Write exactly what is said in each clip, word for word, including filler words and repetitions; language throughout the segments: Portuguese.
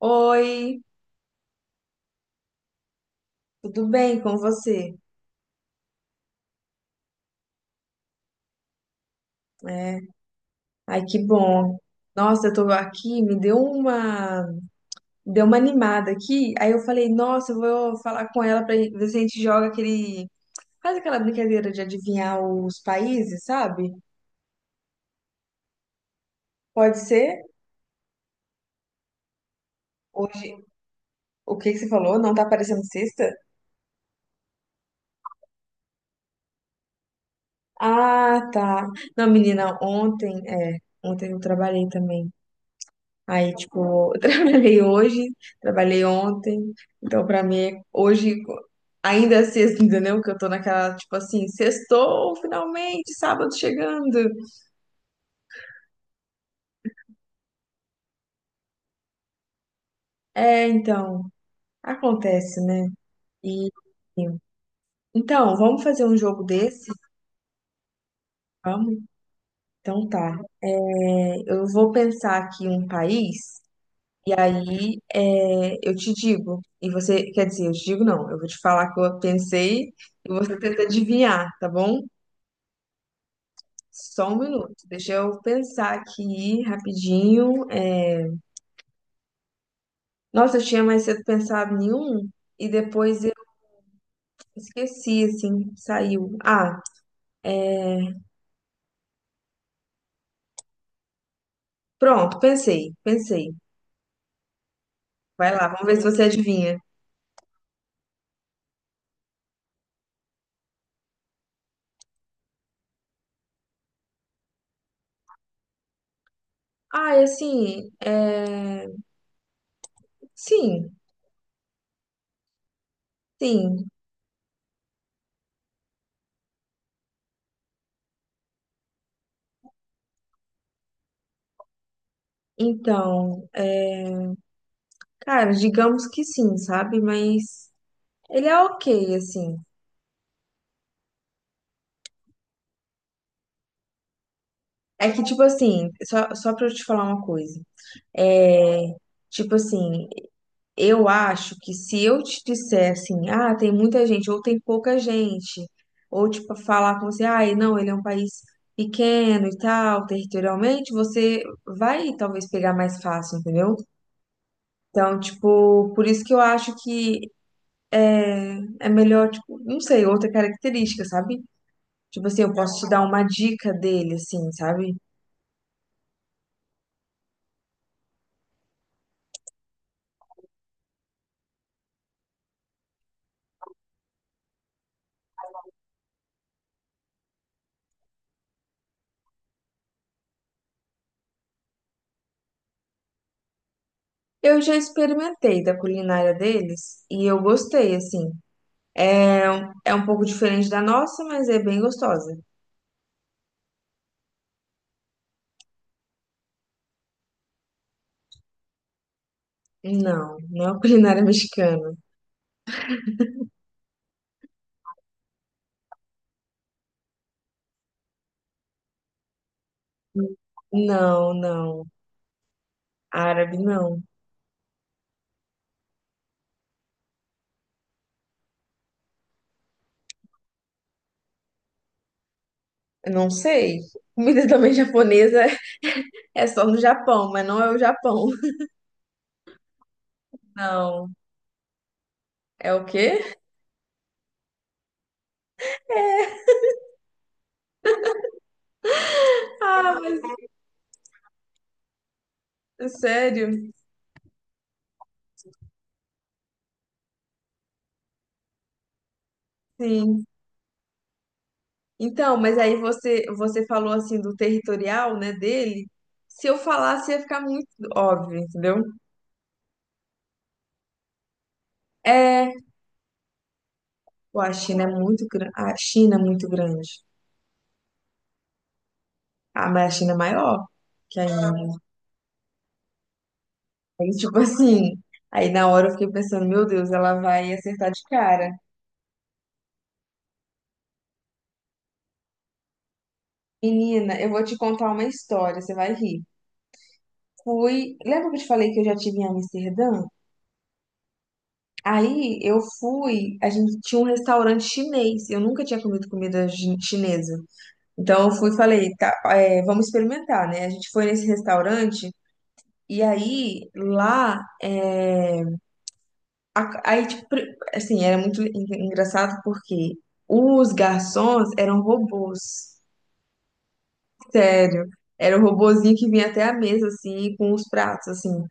Oi, tudo bem com você? É, Ai, que bom. Nossa, eu tô aqui, me deu uma, me deu uma animada aqui. Aí eu falei, nossa, eu vou falar com ela pra ver se a gente joga aquele, faz aquela brincadeira de adivinhar os países, sabe? Pode ser? Hoje, o que que você falou? Não tá aparecendo sexta? Ah, tá. Não, menina, ontem, é, ontem eu trabalhei também. Aí, tipo, eu trabalhei hoje, trabalhei ontem, então pra mim é- hoje ainda é sexta, entendeu? Que eu tô naquela, tipo assim, sextou, finalmente, sábado chegando. É, então, acontece, né? E então, vamos fazer um jogo desse? Vamos? Então tá. É, eu vou pensar aqui um país e aí é, eu te digo. E você, quer dizer, eu te digo não, eu vou te falar que eu pensei e você tenta adivinhar, tá bom? Só um minuto, deixa eu pensar aqui rapidinho. É, Nossa, eu tinha mais cedo pensado em um e depois eu esqueci, assim, saiu. Ah, pronto, pensei, pensei. Vai lá, vamos ver se você adivinha. Ah, e assim, é... sim, sim. Então, cara, digamos que sim, sabe? Mas ele é ok, assim. É que, tipo assim, só, só pra eu te falar uma coisa. É, tipo assim, eu acho que se eu te disser assim, ah, tem muita gente, ou tem pouca gente, ou tipo, falar com você, ah, não, ele é um país pequeno e tal, territorialmente, você vai talvez pegar mais fácil, entendeu? Então, tipo, por isso que eu acho que é melhor, tipo, não sei, outra característica, sabe? Tipo assim, eu posso te dar uma dica dele, assim, sabe? Eu já experimentei da culinária deles e eu gostei, assim. É, É um pouco diferente da nossa, mas é bem gostosa. Não, não é culinária mexicana. Não, não. Árabe, não. Eu não sei. Comida também japonesa é só no Japão, mas não é o Japão. Não. É o quê? Ah, mas é sério? Sim. Então, mas aí você você falou assim do territorial, né, dele. Se eu falasse ia ficar muito óbvio, entendeu? É, Pô, a China é muito grande. A China é muito grande. Ah, mas a China é maior que a Índia. Aí, tipo assim, aí na hora eu fiquei pensando, meu Deus, ela vai acertar de cara. Menina, eu vou te contar uma história, você vai rir. Fui, lembra que eu te falei que eu já tive em Amsterdã? Aí eu fui, a gente tinha um restaurante chinês, eu nunca tinha comido comida chi- chinesa. Então eu fui e falei, tá, é, vamos experimentar, né? A gente foi nesse restaurante e aí lá, é, a- aí tipo, pri- assim, era muito en- engraçado porque os garçons eram robôs. Sério. Era o robozinho que vinha até a mesa, assim, com os pratos, assim.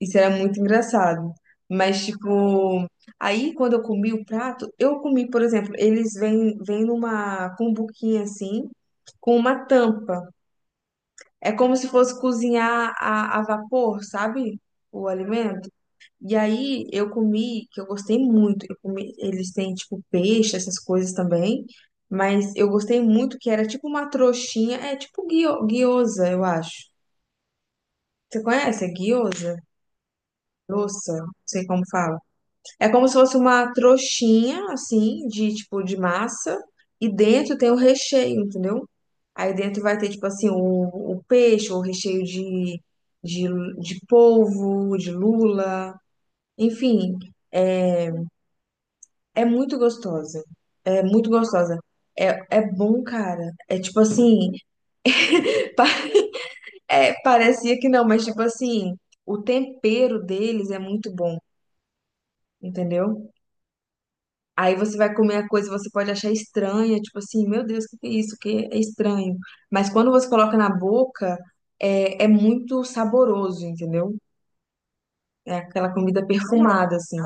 Isso era muito engraçado. Mas, tipo, aí quando eu comi o prato, eu comi, por exemplo, eles vêm vêm numa cumbuquinha, assim, com uma tampa. É como se fosse cozinhar a, a vapor, sabe? O alimento. E aí eu comi, que eu gostei muito. Eu comi, eles têm, tipo, peixe, essas coisas também. Mas eu gostei muito que era tipo uma trouxinha, é tipo guio- guiosa, eu acho. Você conhece a gyoza? Doça, não sei como fala. É como se fosse uma trouxinha, assim, de tipo de massa, e dentro tem o recheio, entendeu? Aí dentro vai ter, tipo assim, o, o peixe, o recheio de, de, de polvo, de lula. Enfim, é muito gostosa. É muito gostosa. É, é bom, cara. É tipo assim, pa- é, parecia que não, mas tipo assim, o tempero deles é muito bom, entendeu? Aí você vai comer a coisa, você pode achar estranha, tipo assim, meu Deus, o que que é isso? Que é estranho. Mas quando você coloca na boca, é, é muito saboroso, entendeu? É aquela comida perfumada, assim.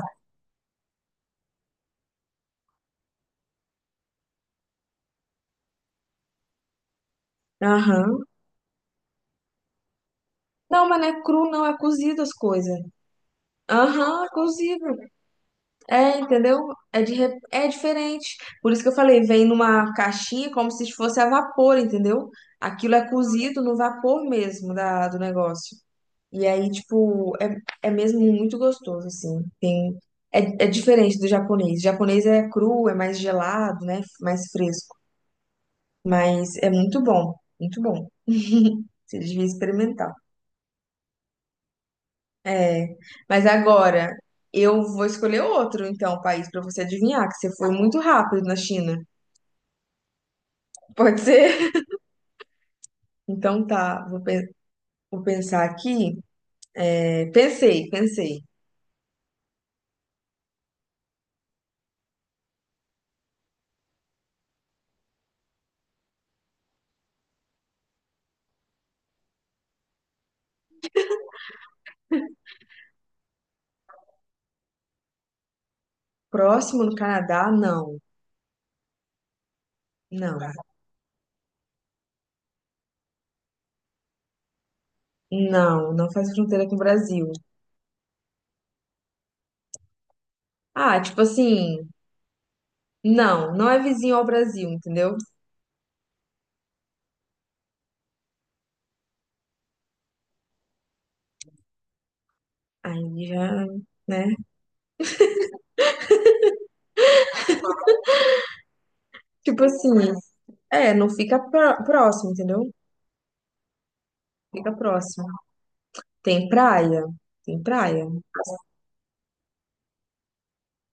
Aham. Não, mas não é cru, não, é cozido as coisas. Aham, cozido. É, entendeu? É, de, re- é diferente. Por isso que eu falei, vem numa caixinha como se fosse a vapor, entendeu? Aquilo é cozido no vapor mesmo da, do negócio. E aí, tipo, é, é mesmo muito gostoso, assim. Tem, é, é diferente do japonês. O japonês é cru, é mais gelado, né? Mais fresco. Mas é muito bom, muito bom. Você devia experimentar. É, mas agora eu vou escolher outro, então, país para você adivinhar, que você foi muito rápido na China. Pode ser? Então tá, vou, pen- vou pensar aqui. É, pensei, pensei. Próximo no Canadá? Não, não, não, não faz fronteira com o Brasil. Ah, tipo assim, não, não é vizinho ao Brasil, entendeu? Aí já, né? Tipo assim, é, não fica pró- próximo, entendeu? Fica próximo. Tem praia? Tem praia?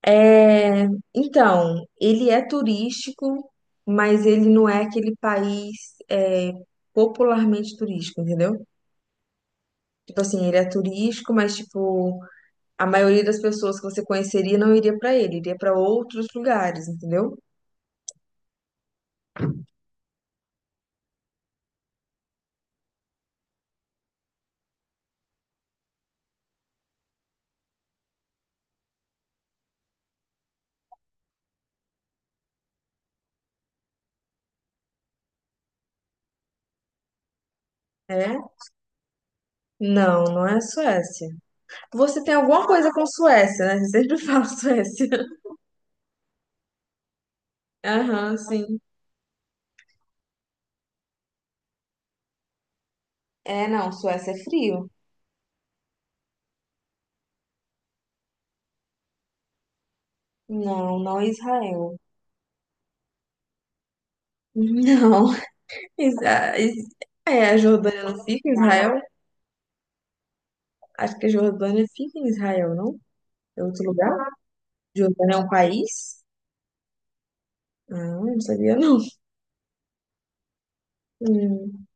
É, então, ele é turístico, mas ele não é aquele país é, popularmente turístico, entendeu? Tipo assim, ele é turístico, mas tipo, a maioria das pessoas que você conheceria não iria pra ele, iria pra outros lugares, entendeu? É? Não, não é Suécia. Você tem alguma coisa com Suécia, né? Você sempre fala Suécia. Aham, sim. É, não, Suécia é frio. Não, não é Israel. Não. Isa- Is- É, a Jordânia não fica em Israel? Acho que a Jordânia fica em Israel, não? É outro lugar? Jordânia é um país? Ah, não sabia não. Hum,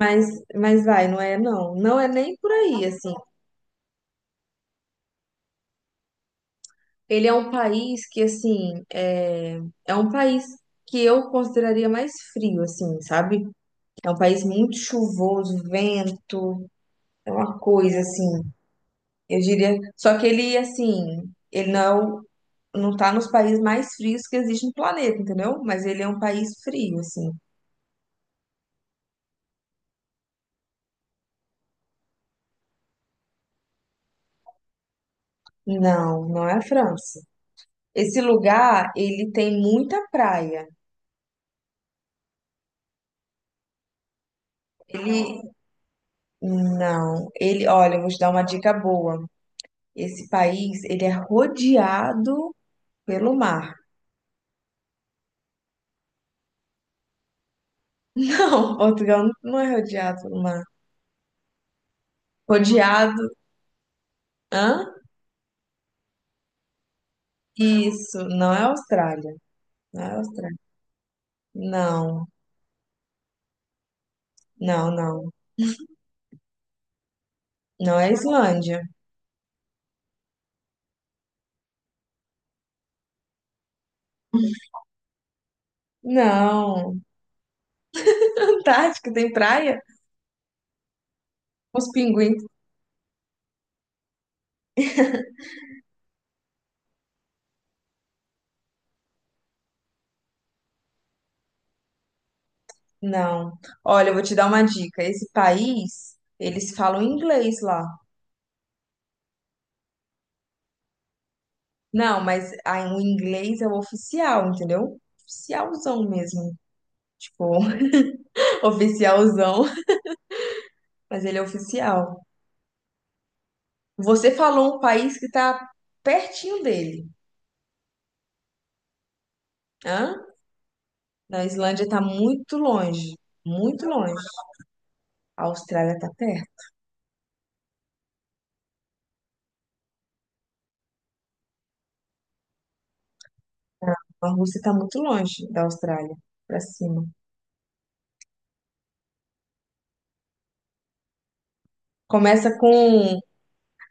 Mas, mas vai, não é não. Não é nem por aí, assim. Ele é um país que, assim, é, é um país que eu consideraria mais frio, assim, sabe? É um país muito chuvoso, vento, é uma coisa, assim. Eu diria. Só que ele, assim, ele não é o não tá nos países mais frios que existe no planeta, entendeu? Mas ele é um país frio, assim. Não, não é a França. Esse lugar, ele tem muita praia. Ele, não, ele, olha, eu vou te dar uma dica boa. Esse país, ele é rodeado pelo mar. Não, Portugal não é rodeado pelo mar. Rodeado, hã? Isso, não é Austrália. Não é Austrália. Não, não, não. Não é Islândia. Não. Antártica tem praia? Os pinguins. Não. Olha, eu vou te dar uma dica. Esse país, eles falam inglês lá. Não, mas aí o inglês é o oficial, entendeu? Oficialzão mesmo. Tipo, oficialzão, mas ele é oficial. Você falou um país que tá pertinho dele. Hã? Na Islândia tá muito longe. Muito longe. A Austrália tá perto. A Rússia tá muito longe da Austrália. Pra cima. Começa com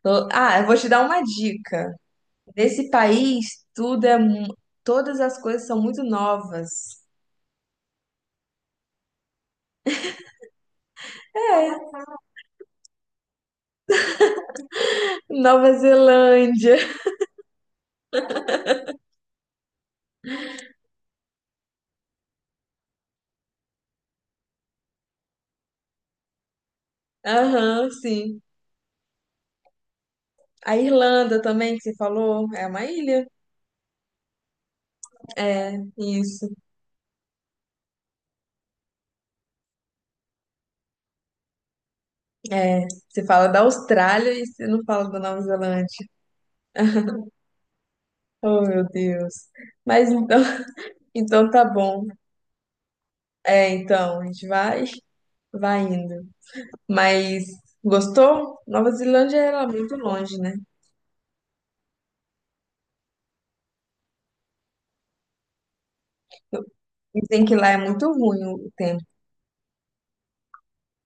Tô- Ah, eu vou te dar uma dica. Nesse país, tudo é, mu- todas as coisas são muito novas. É, Nova Zelândia. Aham, sim. A Irlanda também, que você falou, é uma ilha. É, isso. Você fala da Austrália e você não fala da Nova Zelândia. Oh, meu Deus. Mas então, então tá bom. É, então, a gente vai, vai indo. Mas gostou? Nova Zelândia era muito longe, né? Dizem que lá é muito ruim o tempo.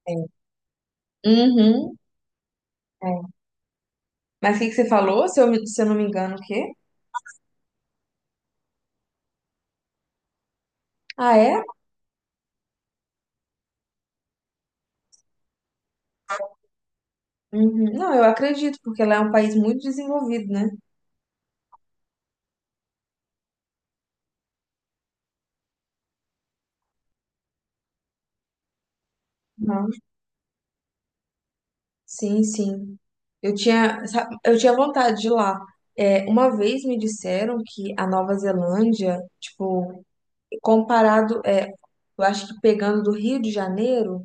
É. Uhum. É. Mas o que que você falou? Se eu, me- se eu não me engano, o quê? Ah, é? Uhum. Não, eu acredito, porque lá é um país muito desenvolvido, né? Não. Sim, sim. Eu tinha, sa- eu tinha vontade de ir lá. É, uma vez me disseram que a Nova Zelândia, tipo, comparado, é, eu acho que pegando do Rio de Janeiro,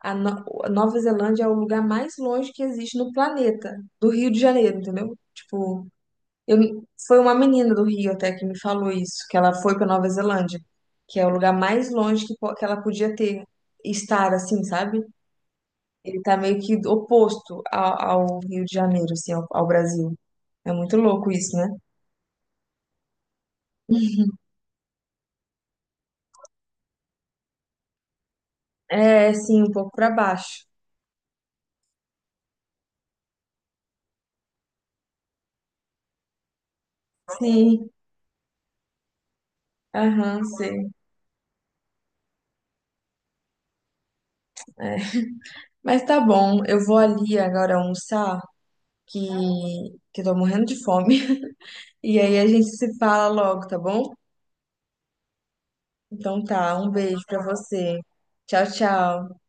a, No- a Nova Zelândia é o lugar mais longe que existe no planeta, do Rio de Janeiro, entendeu? Tipo, Eu, foi uma menina do Rio até que me falou isso, que ela foi para Nova Zelândia, que é o lugar mais longe que, po- que ela podia ter, estar assim, sabe? Ele tá meio que oposto ao, ao Rio de Janeiro, assim, ao, ao Brasil. É muito louco isso, né? É, sim, um pouco para baixo. Sim, aham, sei. Mas tá bom, eu vou ali agora almoçar, que, que eu tô morrendo de fome. E aí a gente se fala logo, tá bom? Então tá, um beijo pra você. Tchau, tchau.